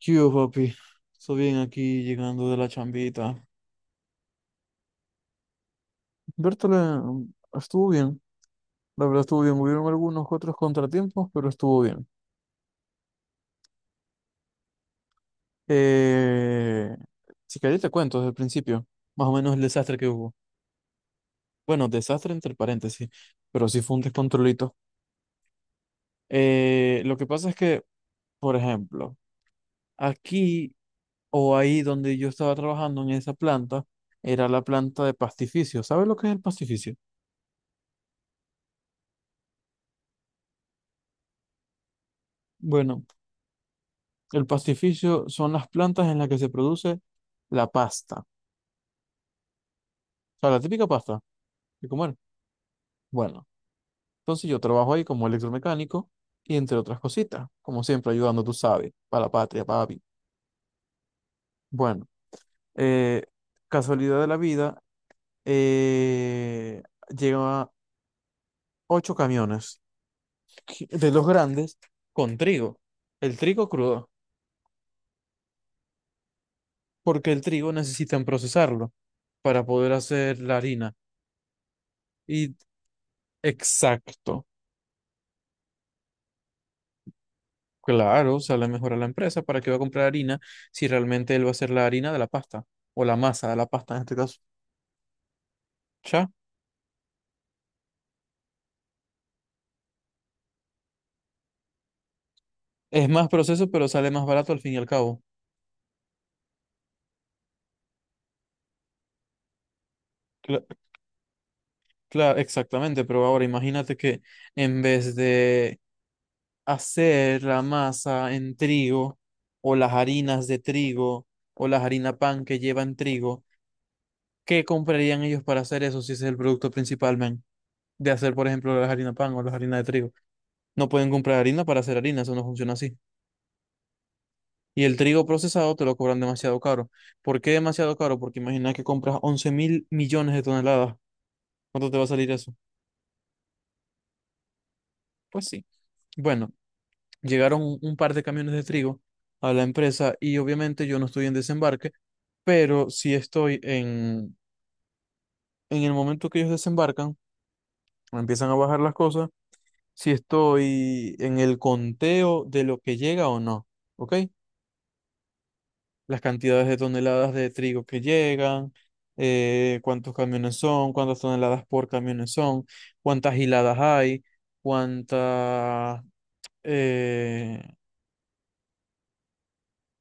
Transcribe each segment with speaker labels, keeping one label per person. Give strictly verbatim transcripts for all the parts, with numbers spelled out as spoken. Speaker 1: ¿Qué hubo, papi? Estoy bien aquí llegando de la chambita. Bertole estuvo bien, la verdad estuvo bien. Hubieron algunos otros contratiempos, pero estuvo bien. Eh, si querés te cuento desde el principio, más o menos el desastre que hubo. Bueno, desastre entre paréntesis, pero sí fue un descontrolito. Eh, lo que pasa es que, por ejemplo, aquí o ahí donde yo estaba trabajando en esa planta, era la planta de pastificio. ¿Sabes lo que es el pastificio? Bueno. El pastificio son las plantas en las que se produce la pasta. O sea, la típica pasta de comer. Bueno, entonces yo trabajo ahí como electromecánico y entre otras cositas, como siempre ayudando, tú sabes, para la patria, papi. Bueno, eh, casualidad de la vida, eh, lleva ocho camiones de los grandes con trigo. El trigo crudo, porque el trigo necesitan procesarlo para poder hacer la harina. Y exacto. Claro, o sea, le mejora la empresa. ¿Para qué va a comprar harina si realmente él va a hacer la harina de la pasta o la masa de la pasta en este caso? Ya. Es más proceso, pero sale más barato al fin y al cabo. Claro, exactamente. Pero ahora imagínate que en vez de hacer la masa en trigo o las harinas de trigo o las harina pan que llevan trigo, ¿qué comprarían ellos para hacer eso si ese es el producto principal, men? De hacer, por ejemplo, las harina pan o las harinas de trigo. No pueden comprar harina para hacer harina, eso no funciona así. Y el trigo procesado te lo cobran demasiado caro. ¿Por qué demasiado caro? Porque imagina que compras once mil millones de toneladas. ¿Cuánto te va a salir eso? Pues sí. Bueno, llegaron un un par de camiones de trigo a la empresa y obviamente yo no estoy en desembarque, pero si estoy en, en el momento que ellos desembarcan, empiezan a bajar las cosas, si estoy en el conteo de lo que llega o no. ¿Ok? Las cantidades de toneladas de trigo que llegan, eh, cuántos camiones son, cuántas toneladas por camiones son, cuántas hiladas hay, cuánta, eh,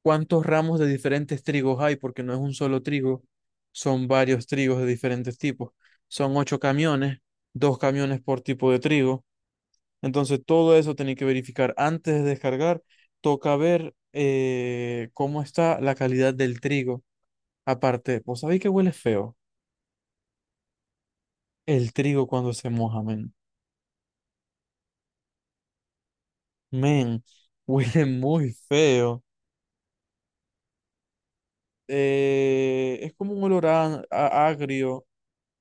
Speaker 1: cuántos ramos de diferentes trigos hay, porque no es un solo trigo, son varios trigos de diferentes tipos. Son ocho camiones, dos camiones por tipo de trigo. Entonces todo eso tenéis que verificar antes de descargar. Toca ver eh, cómo está la calidad del trigo. Aparte, ¿vos sabéis que huele feo? El trigo cuando se moja, men. Men, huele muy feo. Eh, es como un olor a- a- agrio,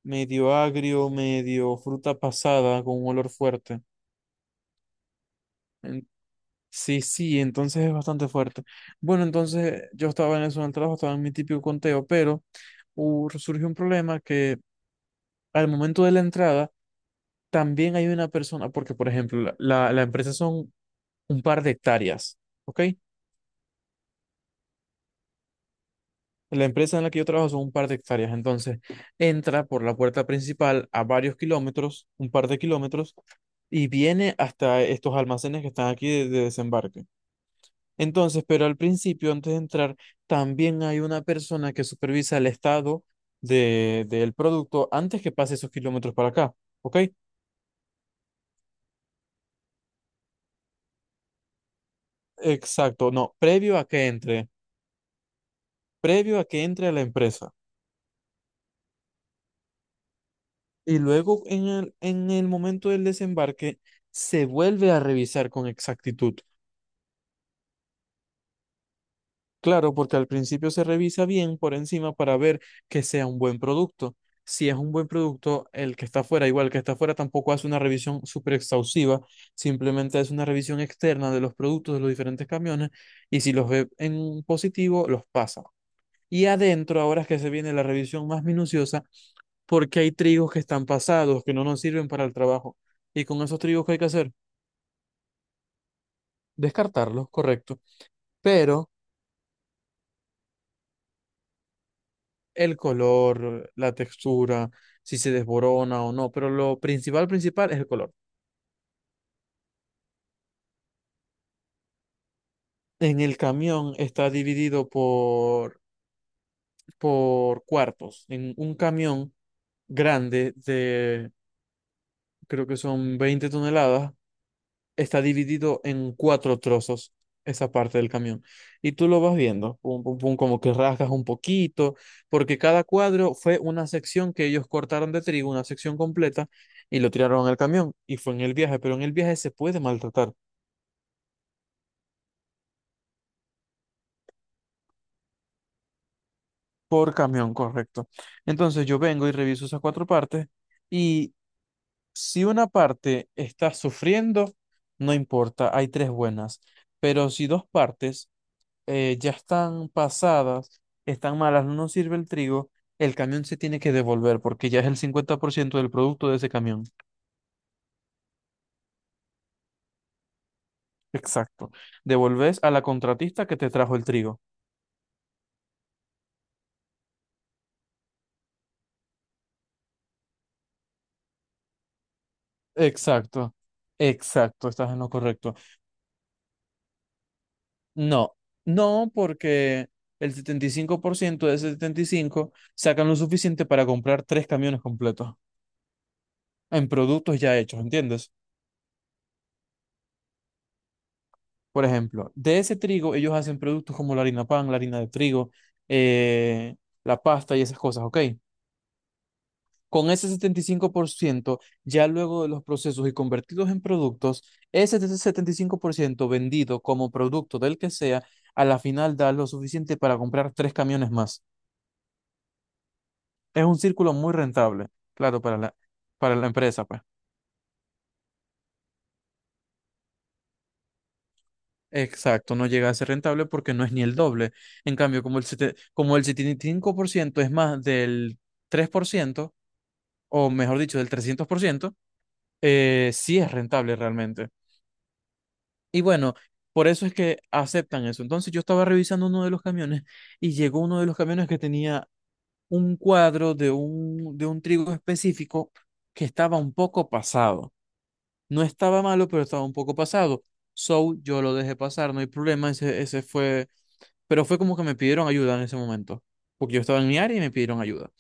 Speaker 1: medio agrio, medio fruta pasada, con un olor fuerte. En- sí, sí, entonces es bastante fuerte. Bueno, entonces yo estaba en eso en el trabajo, estaba en mi típico conteo, pero hu- surgió un problema que al momento de la entrada también hay una persona, porque por ejemplo, la, la la empresa son un par de hectáreas, ¿ok? La empresa en la que yo trabajo son un par de hectáreas, entonces entra por la puerta principal a varios kilómetros, un par de kilómetros, y viene hasta estos almacenes que están aquí de, de desembarque. Entonces, pero al principio, antes de entrar, también hay una persona que supervisa el estado de, del producto antes que pase esos kilómetros para acá, ¿ok? Exacto, no, previo a que entre, previo a que entre a la empresa. Y luego en el, en el momento del desembarque, se vuelve a revisar con exactitud. Claro, porque al principio se revisa bien por encima para ver que sea un buen producto. Si es un buen producto, el que está afuera, igual el que está afuera, tampoco hace una revisión súper exhaustiva, simplemente hace una revisión externa de los productos de los diferentes camiones y si los ve en positivo, los pasa. Y adentro, ahora es que se viene la revisión más minuciosa, porque hay trigos que están pasados, que no nos sirven para el trabajo. Y con esos trigos, ¿que hay que hacer? Descartarlos, correcto. Pero... el color, la textura, si se desborona o no, pero lo principal, principal es el color. En el camión está dividido por, por cuartos. En un camión grande de, creo que son veinte toneladas, está dividido en cuatro trozos esa parte del camión. Y tú lo vas viendo, pum, pum, pum, como que rasgas un poquito, porque cada cuadro fue una sección que ellos cortaron de trigo, una sección completa, y lo tiraron al camión. Y fue en el viaje, pero en el viaje se puede maltratar por camión, correcto. Entonces yo vengo y reviso esas cuatro partes, y si una parte está sufriendo, no importa, hay tres buenas. Pero si dos partes eh, ya están pasadas, están malas, no nos sirve el trigo, el camión se tiene que devolver porque ya es el cincuenta por ciento del producto de ese camión. Exacto. Devolves a la contratista que te trajo el trigo. Exacto. Exacto, estás en lo correcto. No, no porque el setenta y cinco por ciento de ese setenta y cinco sacan lo suficiente para comprar tres camiones completos en productos ya hechos, ¿entiendes? Por ejemplo, de ese trigo ellos hacen productos como la harina pan, la harina de trigo, eh, la pasta y esas cosas, ¿ok? Con ese setenta y cinco por ciento ya luego de los procesos y convertidos en productos, ese setenta y cinco por ciento vendido como producto del que sea, a la final da lo suficiente para comprar tres camiones más. Es un círculo muy rentable, claro, para la, para la empresa, pues. Exacto, no llega a ser rentable porque no es ni el doble. En cambio, como el, sete- como el setenta y cinco por ciento es más del tres por ciento o mejor dicho, del trescientos por ciento, eh, sí es rentable realmente. Y bueno, por eso es que aceptan eso. Entonces yo estaba revisando uno de los camiones y llegó uno de los camiones que tenía un cuadro de un, de un trigo específico que estaba un poco pasado. No estaba malo, pero estaba un poco pasado. So, yo lo dejé pasar, no hay problema, ese, ese fue... Pero fue como que me pidieron ayuda en ese momento, porque yo estaba en mi área y me pidieron ayuda.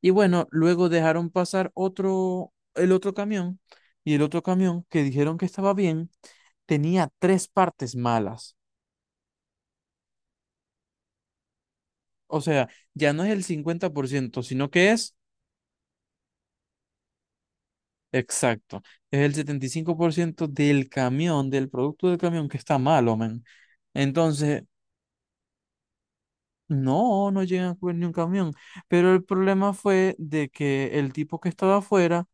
Speaker 1: Y bueno, luego dejaron pasar otro, el otro camión, y el otro camión que dijeron que estaba bien, tenía tres partes malas. O sea, ya no es el cincuenta por ciento sino que es exacto. Es el setenta y cinco por ciento del camión, del producto del camión que está malo, men. Entonces, no, no llegan a coger ni un camión. Pero el problema fue de que el tipo que estaba afuera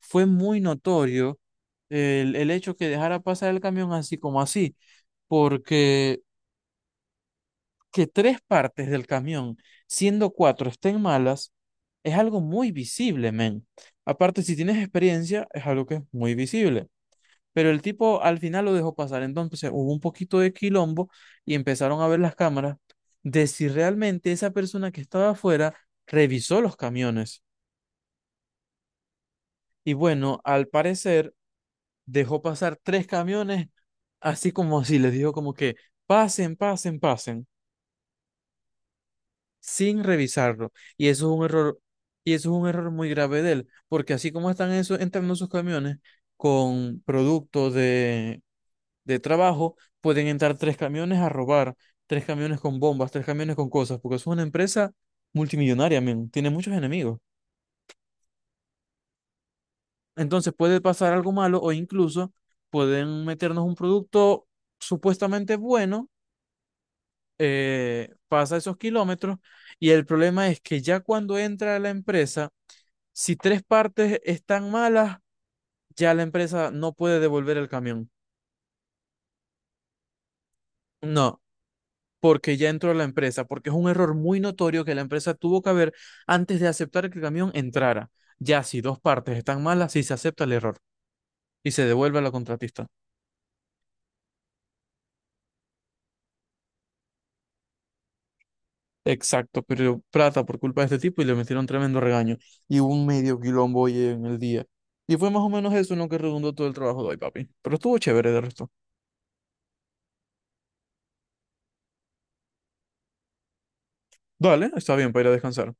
Speaker 1: fue muy notorio el, el hecho que dejara pasar el camión así como así, porque que tres partes del camión, siendo cuatro, estén malas, es algo muy visible, men. Aparte, si tienes experiencia, es algo que es muy visible. Pero el tipo al final lo dejó pasar. Entonces hubo un poquito de quilombo y empezaron a ver las cámaras de si realmente esa persona que estaba afuera revisó los camiones. Y bueno, al parecer dejó pasar tres camiones, así como si les dijo como que pasen, pasen, pasen, sin revisarlo. Y eso es un error, y eso es un error muy grave de él, porque así como están eso, entrando sus camiones con productos de de trabajo, pueden entrar tres camiones a robar, tres camiones con bombas, tres camiones con cosas, porque es una empresa multimillonaria, men, tiene muchos enemigos. Entonces puede pasar algo malo o incluso pueden meternos un producto supuestamente bueno, eh, pasa esos kilómetros y el problema es que ya cuando entra a la empresa, si tres partes están malas, ya la empresa no puede devolver el camión. No, porque ya entró a la empresa, porque es un error muy notorio que la empresa tuvo que haber antes de aceptar que el camión entrara. Ya si dos partes están malas, sí se acepta el error y se devuelve a la contratista. Exacto, pero plata por culpa de este tipo y le metieron tremendo regaño y hubo un medio quilombo hoy en el día. Y fue más o menos eso en lo que redundó todo el trabajo de hoy, papi. Pero estuvo chévere de resto. Dale, está bien para ir a descansar.